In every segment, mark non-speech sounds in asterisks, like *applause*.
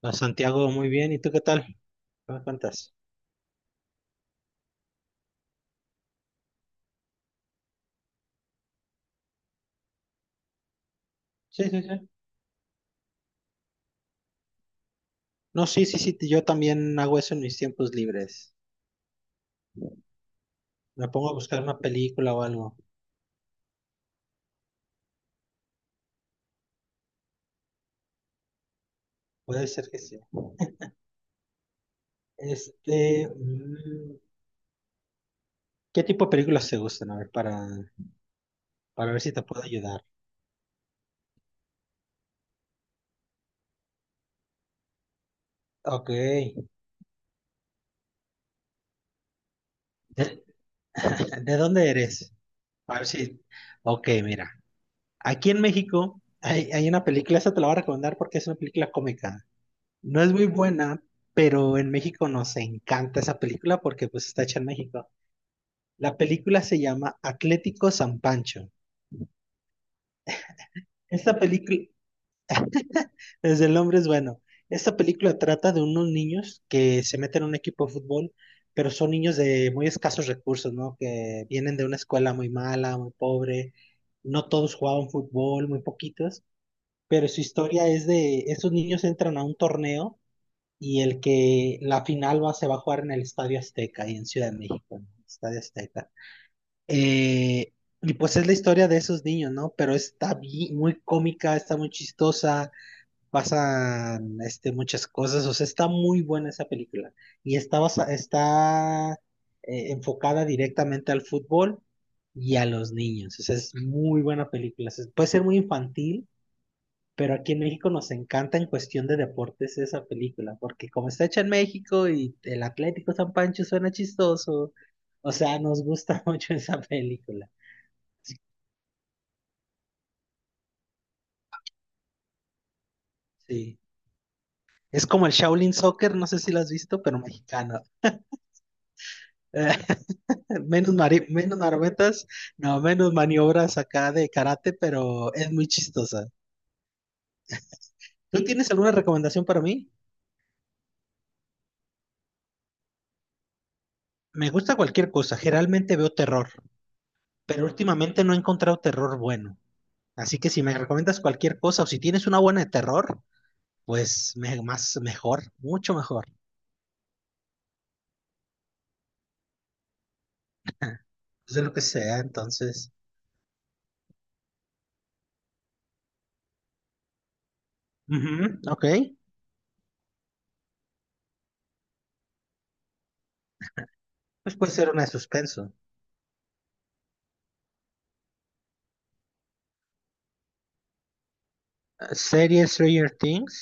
A Santiago, muy bien. ¿Y tú qué tal? ¿Qué me cuentas? Sí, sí, sí. No, sí, sí, sí. Yo también hago eso en mis tiempos libres. Me pongo a buscar una película o algo. Puede ser que sí. Este, mm, ¿Qué tipo de películas te gustan? A ver, para ver si te puedo ayudar. Ok. *laughs* ¿De dónde eres? A ver si. Ok, mira. Aquí en México hay una película, esa te la voy a recomendar porque es una película cómica. No es muy buena, pero en México nos encanta esa película porque pues está hecha en México. La película se llama Atlético San Pancho. Esta película, desde el nombre es bueno. Esta película trata de unos niños que se meten a un equipo de fútbol, pero son niños de muy escasos recursos, ¿no? Que vienen de una escuela muy mala, muy pobre. No todos jugaban fútbol, muy poquitos. Pero su historia es de, esos niños entran a un torneo y el que la final va, se va a jugar en el Estadio Azteca, ahí en Ciudad de México, en el Estadio Azteca. Eh, y pues es la historia de esos niños, ¿no? Pero está muy cómica, está muy chistosa, pasan muchas cosas, o sea, está muy buena esa película. Y está, está enfocada directamente al fútbol y a los niños, o sea, es muy buena película. O sea, puede ser muy infantil, pero aquí en México nos encanta en cuestión de deportes esa película, porque como está hecha en México y el Atlético San Pancho suena chistoso, o sea, nos gusta *laughs* mucho esa película. Sí. Es como el Shaolin Soccer, no sé si lo has visto, pero mexicano. *laughs* Menos, menos marometas, no, menos maniobras acá de karate, pero es muy chistosa. ¿Tú tienes alguna recomendación para mí? Me gusta cualquier cosa, generalmente veo terror, pero últimamente no he encontrado terror bueno. Así que si me recomiendas cualquier cosa o si tienes una buena de terror, pues más mejor, mucho mejor. Pues de lo que sea, entonces. Ujú, ok. Pues puede ser una de suspenso. Serie Stranger Things.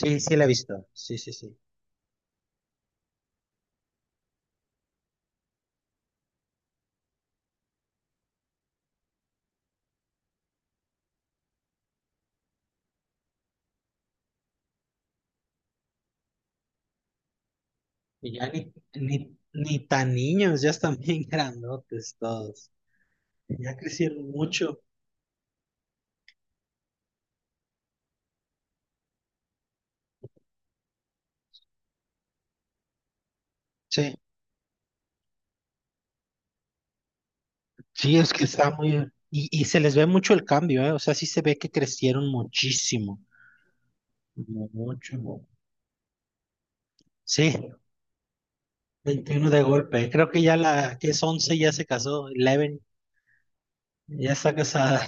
Sí, sí la he visto. Sí, sí, sí. Y ya ni, ni, ni tan niños, ya están bien *laughs* grandotes todos. Ya crecieron mucho. Sí. Sí, es que está muy... y se les ve mucho el cambio, ¿eh? O sea, sí se ve que crecieron muchísimo. Mucho. Sí, veintiuno de golpe. Creo que ya la que es 11 ya se casó. 11 ya está casada.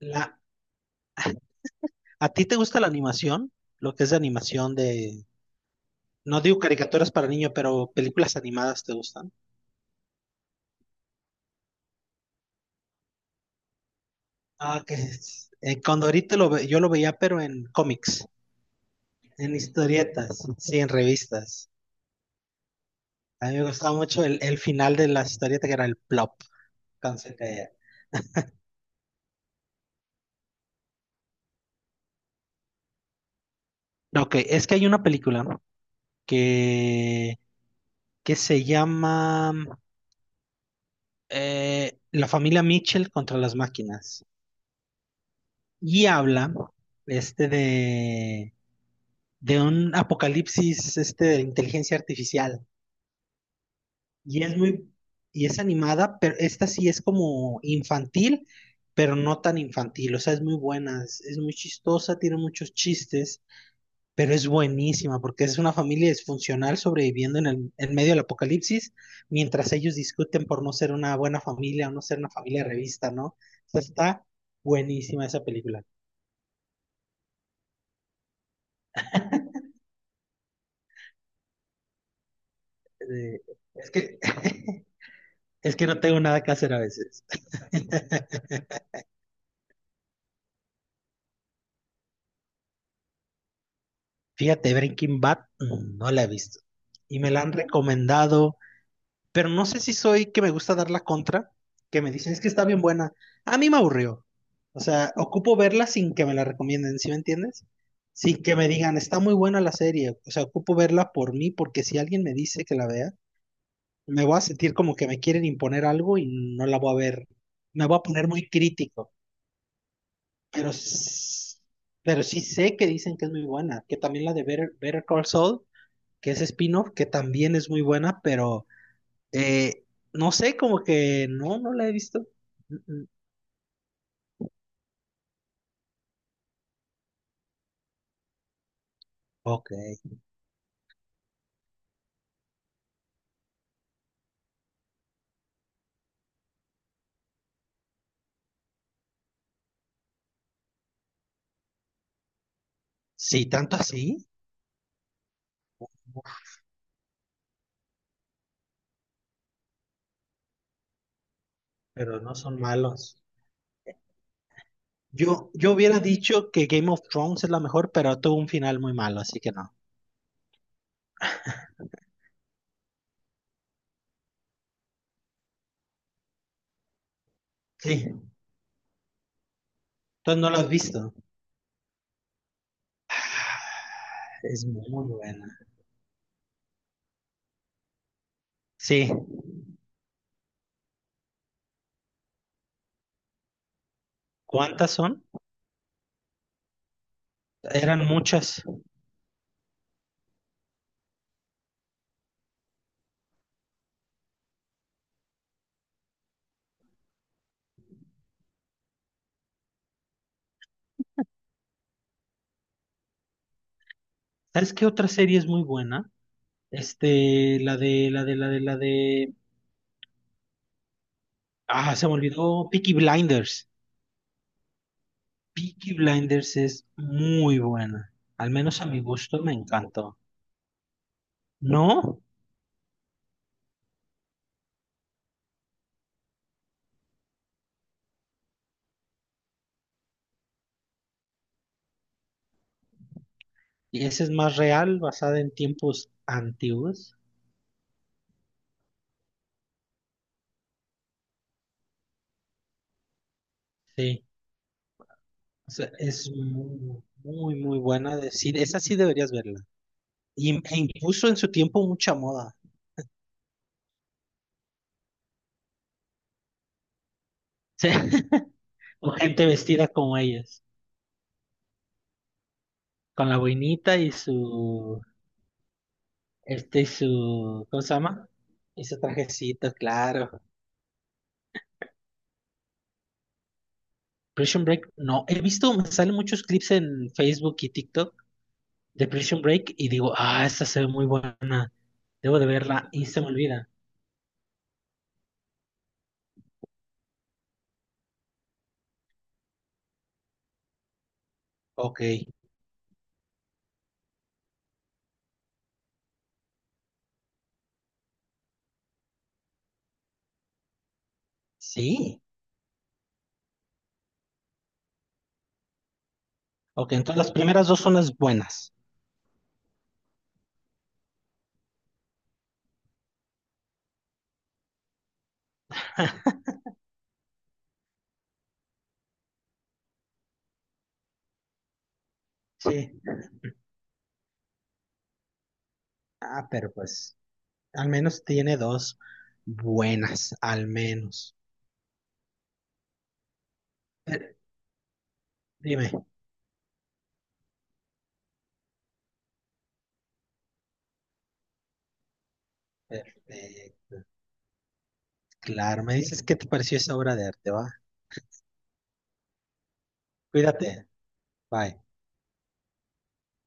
La, ¿a ti te gusta la animación? Lo que es de animación de... No digo caricaturas para niños, pero películas animadas te gustan. Ah, cuando yo lo veía, pero en cómics, en historietas, sí, en revistas. A mí me gustaba mucho el final de la historieta que era el plop, cuando se caía. Ok, es que hay una película, ¿no? que, que se llama... la familia Mitchell contra las máquinas. Y habla este de, de un apocalipsis, de inteligencia artificial. Y es muy, y es animada, pero esta sí es como infantil, pero no tan infantil. O sea, es muy buena, es muy chistosa, tiene muchos chistes. Pero es buenísima porque es una familia disfuncional sobreviviendo en medio del apocalipsis mientras ellos discuten por no ser una buena familia o no ser una familia revista, ¿no? O sea, está buenísima esa película. Eh, es que, *laughs* es que no tengo nada que hacer a veces. *laughs* Fíjate, Breaking Bad no la he visto y me la han recomendado. Pero no sé si soy que me gusta dar la contra, que me dicen es que está bien buena. A mí me aburrió. O sea, ocupo verla sin que me la recomienden, ¿sí me entiendes? Sin que me digan, está muy buena la serie. O sea, ocupo verla por mí, porque si alguien me dice que la vea, me voy a sentir como que me quieren imponer algo y no la voy a ver. Me voy a poner muy crítico. Pero, s- pero sí sé que dicen que es muy buena. Que también la de Better Call Saul, que es spin-off, que también es muy buena, pero. Eh, no sé, como que no, no la he visto. Mm, mm. Ok. Sí, tanto así, pero no son malos. Yo hubiera dicho que Game of Thrones es la mejor, pero tuvo un final muy malo, así que no. Sí, entonces no lo has visto. Ah, es muy buena. Sí, ¿cuántas son? Eran muchas. ¿Sabes qué otra serie es muy buena? Este, la de... Ah, se me olvidó, Peaky Blinders. Peaky Blinders es muy buena. Al menos a mi gusto me encantó. ¿No? Y ese es más real, basada en tiempos antiguos. Sí. O sea, es muy, muy, muy buena. Decir, esa sí deberías verla. Y, e impuso en su tiempo mucha moda. *laughs* Sí. O gente vestida como ellas. Con la boinita y su. Este y su. ¿Cómo se llama? Y su trajecito, claro. Prison Break, no. He visto, me salen muchos clips en Facebook y TikTok de Prison Break y digo, ah, esta se ve muy buena, debo de verla y se me olvida. Ok, sí. Ok, entonces las primeras dos son las buenas. Sí. Ah, pero pues al menos tiene dos buenas, al menos. Pero, dime, eh, eh, claro, me dices qué te pareció esa obra de arte, va. Cuídate, bye.